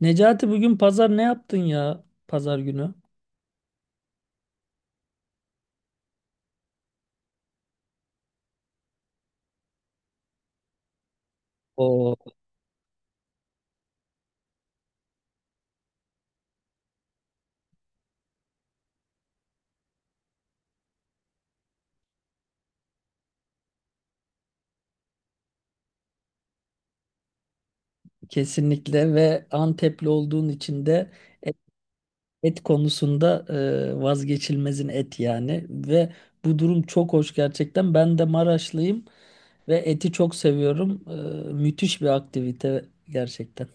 Necati bugün pazar ne yaptın ya pazar günü? O kesinlikle, ve Antepli olduğun için de et, et konusunda vazgeçilmezin et yani. Ve bu durum çok hoş gerçekten. Ben de Maraşlıyım ve eti çok seviyorum. Müthiş bir aktivite gerçekten.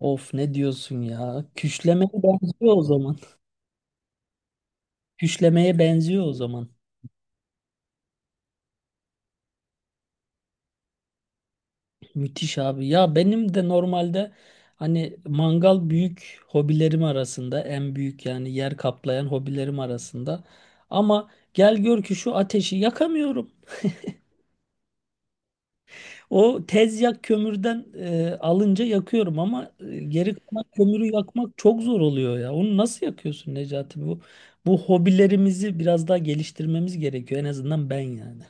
Of ne diyorsun ya? Küşlemeye benziyor o zaman. Küşlemeye benziyor o zaman. Müthiş abi. Ya benim de normalde hani mangal büyük hobilerim arasında, en büyük yani yer kaplayan hobilerim arasında. Ama gel gör ki şu ateşi yakamıyorum. O tez yak kömürden alınca yakıyorum ama geri kalan kömürü yakmak çok zor oluyor ya. Onu nasıl yakıyorsun Necati? Bu hobilerimizi biraz daha geliştirmemiz gerekiyor. En azından ben yani.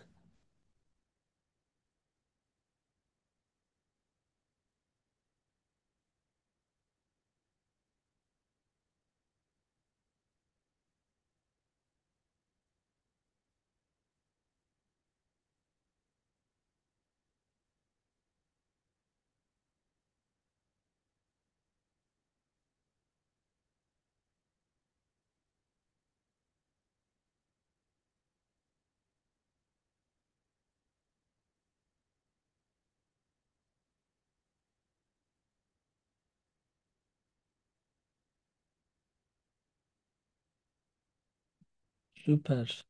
Süper.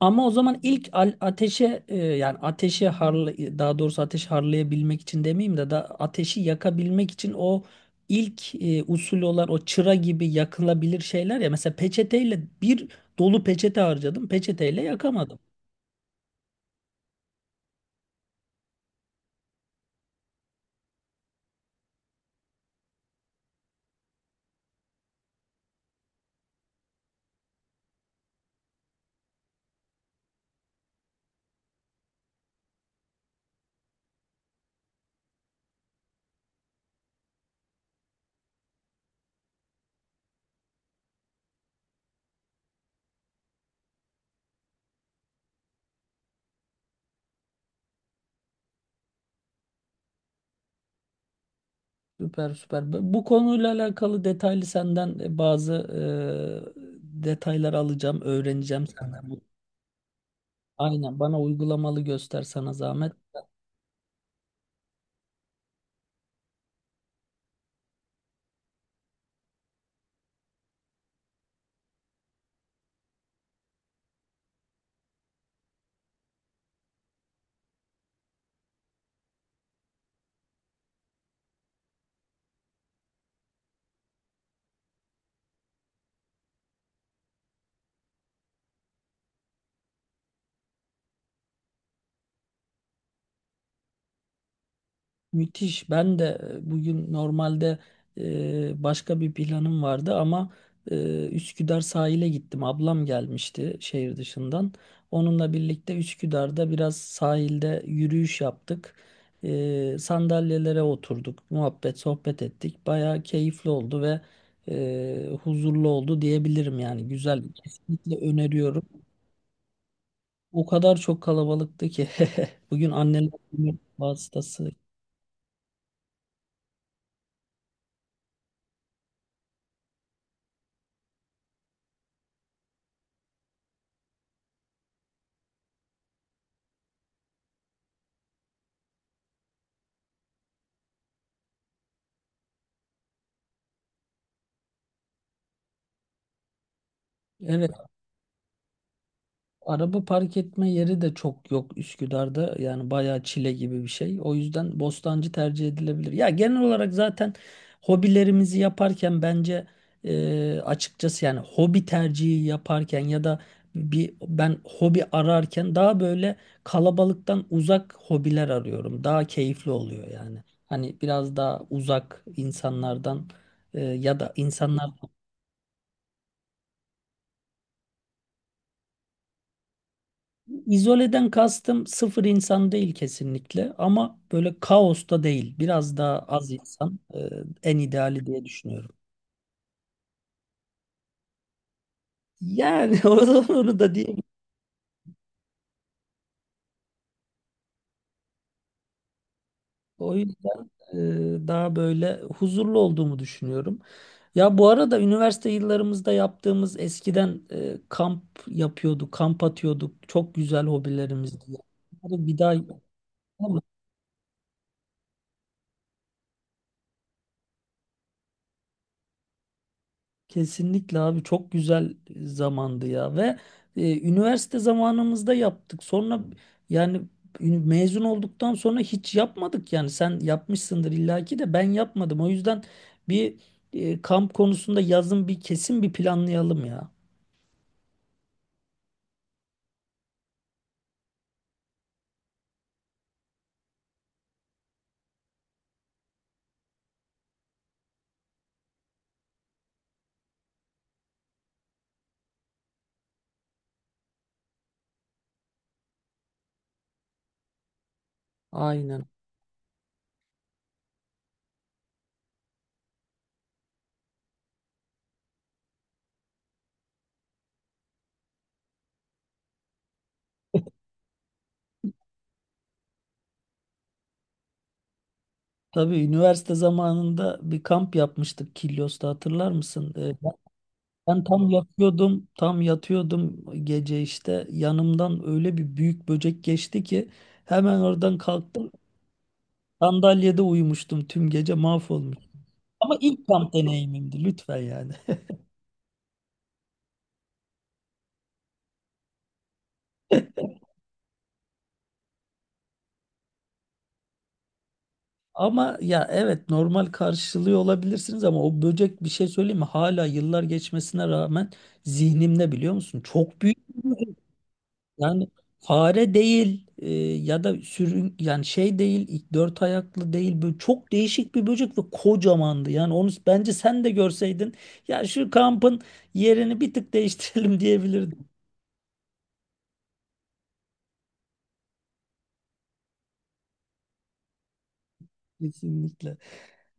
Ama o zaman ateşe yani ateşi harla, daha doğrusu ateşi harlayabilmek için demeyeyim de da ateşi yakabilmek için o ilk usul olan o çıra gibi yakılabilir şeyler ya, mesela peçeteyle bir dolu peçete harcadım, peçeteyle yakamadım. Süper süper. Bu konuyla alakalı detaylı senden bazı detaylar alacağım, öğreneceğim senden. Aynen, bana uygulamalı göster sana zahmet. Müthiş. Ben de bugün normalde başka bir planım vardı ama Üsküdar sahile gittim. Ablam gelmişti şehir dışından. Onunla birlikte Üsküdar'da biraz sahilde yürüyüş yaptık. Sandalyelere oturduk, muhabbet, sohbet ettik. Bayağı keyifli oldu ve huzurlu oldu diyebilirim yani. Güzel. Kesinlikle öneriyorum. O kadar çok kalabalıktı ki bugün anneler günü vasıtası. Evet. Araba park etme yeri de çok yok Üsküdar'da. Yani bayağı çile gibi bir şey. O yüzden Bostancı tercih edilebilir. Ya genel olarak zaten hobilerimizi yaparken bence açıkçası yani hobi tercihi yaparken ya da bir, ben hobi ararken daha böyle kalabalıktan uzak hobiler arıyorum. Daha keyifli oluyor yani. Hani biraz daha uzak insanlardan, ya da insanlar. İzoleden kastım sıfır insan değil kesinlikle, ama böyle kaosta değil. Biraz daha az insan en ideali diye düşünüyorum. Yani o zaman onu da diyeyim. O yüzden daha böyle huzurlu olduğumu düşünüyorum. Ya bu arada üniversite yıllarımızda yaptığımız, eskiden kamp yapıyorduk, kamp atıyorduk. Çok güzel hobilerimizdi. Bunları bir daha yapalım. Kesinlikle abi, çok güzel zamandı ya. Ve üniversite zamanımızda yaptık. Sonra yani mezun olduktan sonra hiç yapmadık yani. Sen yapmışsındır illaki de ben yapmadım. O yüzden bir kamp konusunda yazın bir kesin bir planlayalım ya. Aynen. Tabii üniversite zamanında bir kamp yapmıştık Kilyos'ta, hatırlar mısın? Ben tam yatıyordum, tam yatıyordum gece, işte yanımdan öyle bir büyük böcek geçti ki hemen oradan kalktım. Sandalyede uyumuştum, tüm gece mahvolmuş. Ama ilk kamp deneyimimdi, lütfen yani. Ama ya evet, normal karşılıyor olabilirsiniz ama o böcek, bir şey söyleyeyim mi? Hala yıllar geçmesine rağmen zihnimde, biliyor musun? Çok büyük. Yani fare değil, ya da sürün yani şey değil, ilk dört ayaklı değil, böyle çok değişik bir böcek ve kocamandı. Yani onu bence sen de görseydin, ya şu kampın yerini bir tık değiştirelim diyebilirdim kesinlikle.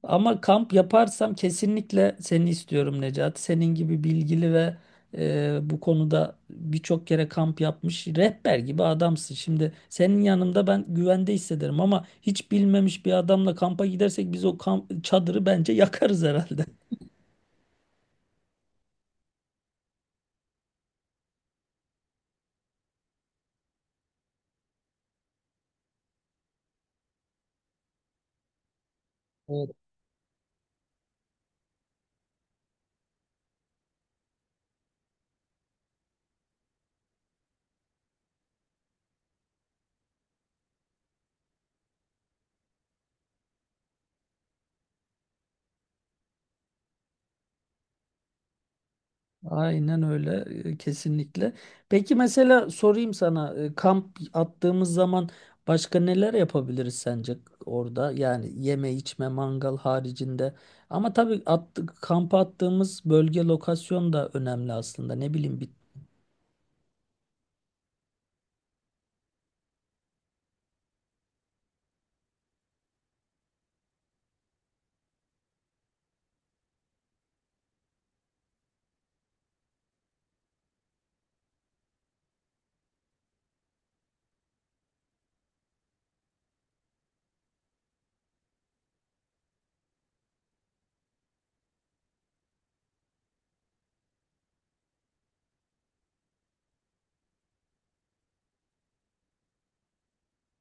Ama kamp yaparsam kesinlikle seni istiyorum Necati. Senin gibi bilgili ve bu konuda birçok kere kamp yapmış, rehber gibi adamsın. Şimdi senin yanımda ben güvende hissederim, ama hiç bilmemiş bir adamla kampa gidersek biz, o kamp çadırı bence yakarız herhalde. Aynen öyle, kesinlikle. Peki mesela sorayım sana, kamp attığımız zaman başka neler yapabiliriz sence orada? Yani yeme içme mangal haricinde. Ama tabii kampa attığımız bölge, lokasyon da önemli aslında. Ne bileyim bir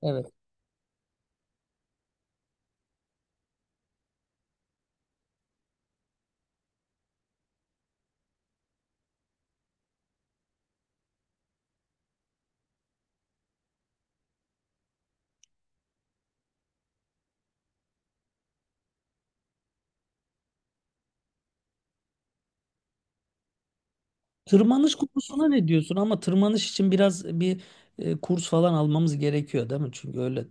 evet. Tırmanış konusuna ne diyorsun? Ama tırmanış için biraz bir kurs falan almamız gerekiyor değil mi? Çünkü öyle.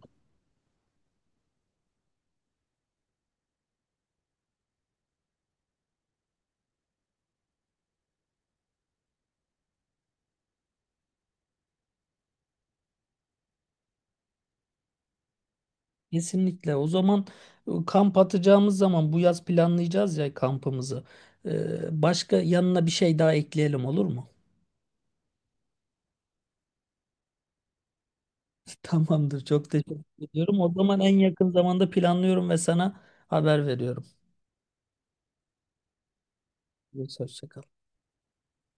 Kesinlikle. O zaman kamp atacağımız zaman bu yaz planlayacağız ya kampımızı. Başka yanına bir şey daha ekleyelim olur mu? Tamamdır. Çok teşekkür ediyorum. O zaman en yakın zamanda planlıyorum ve sana haber veriyorum. Hoşça kal.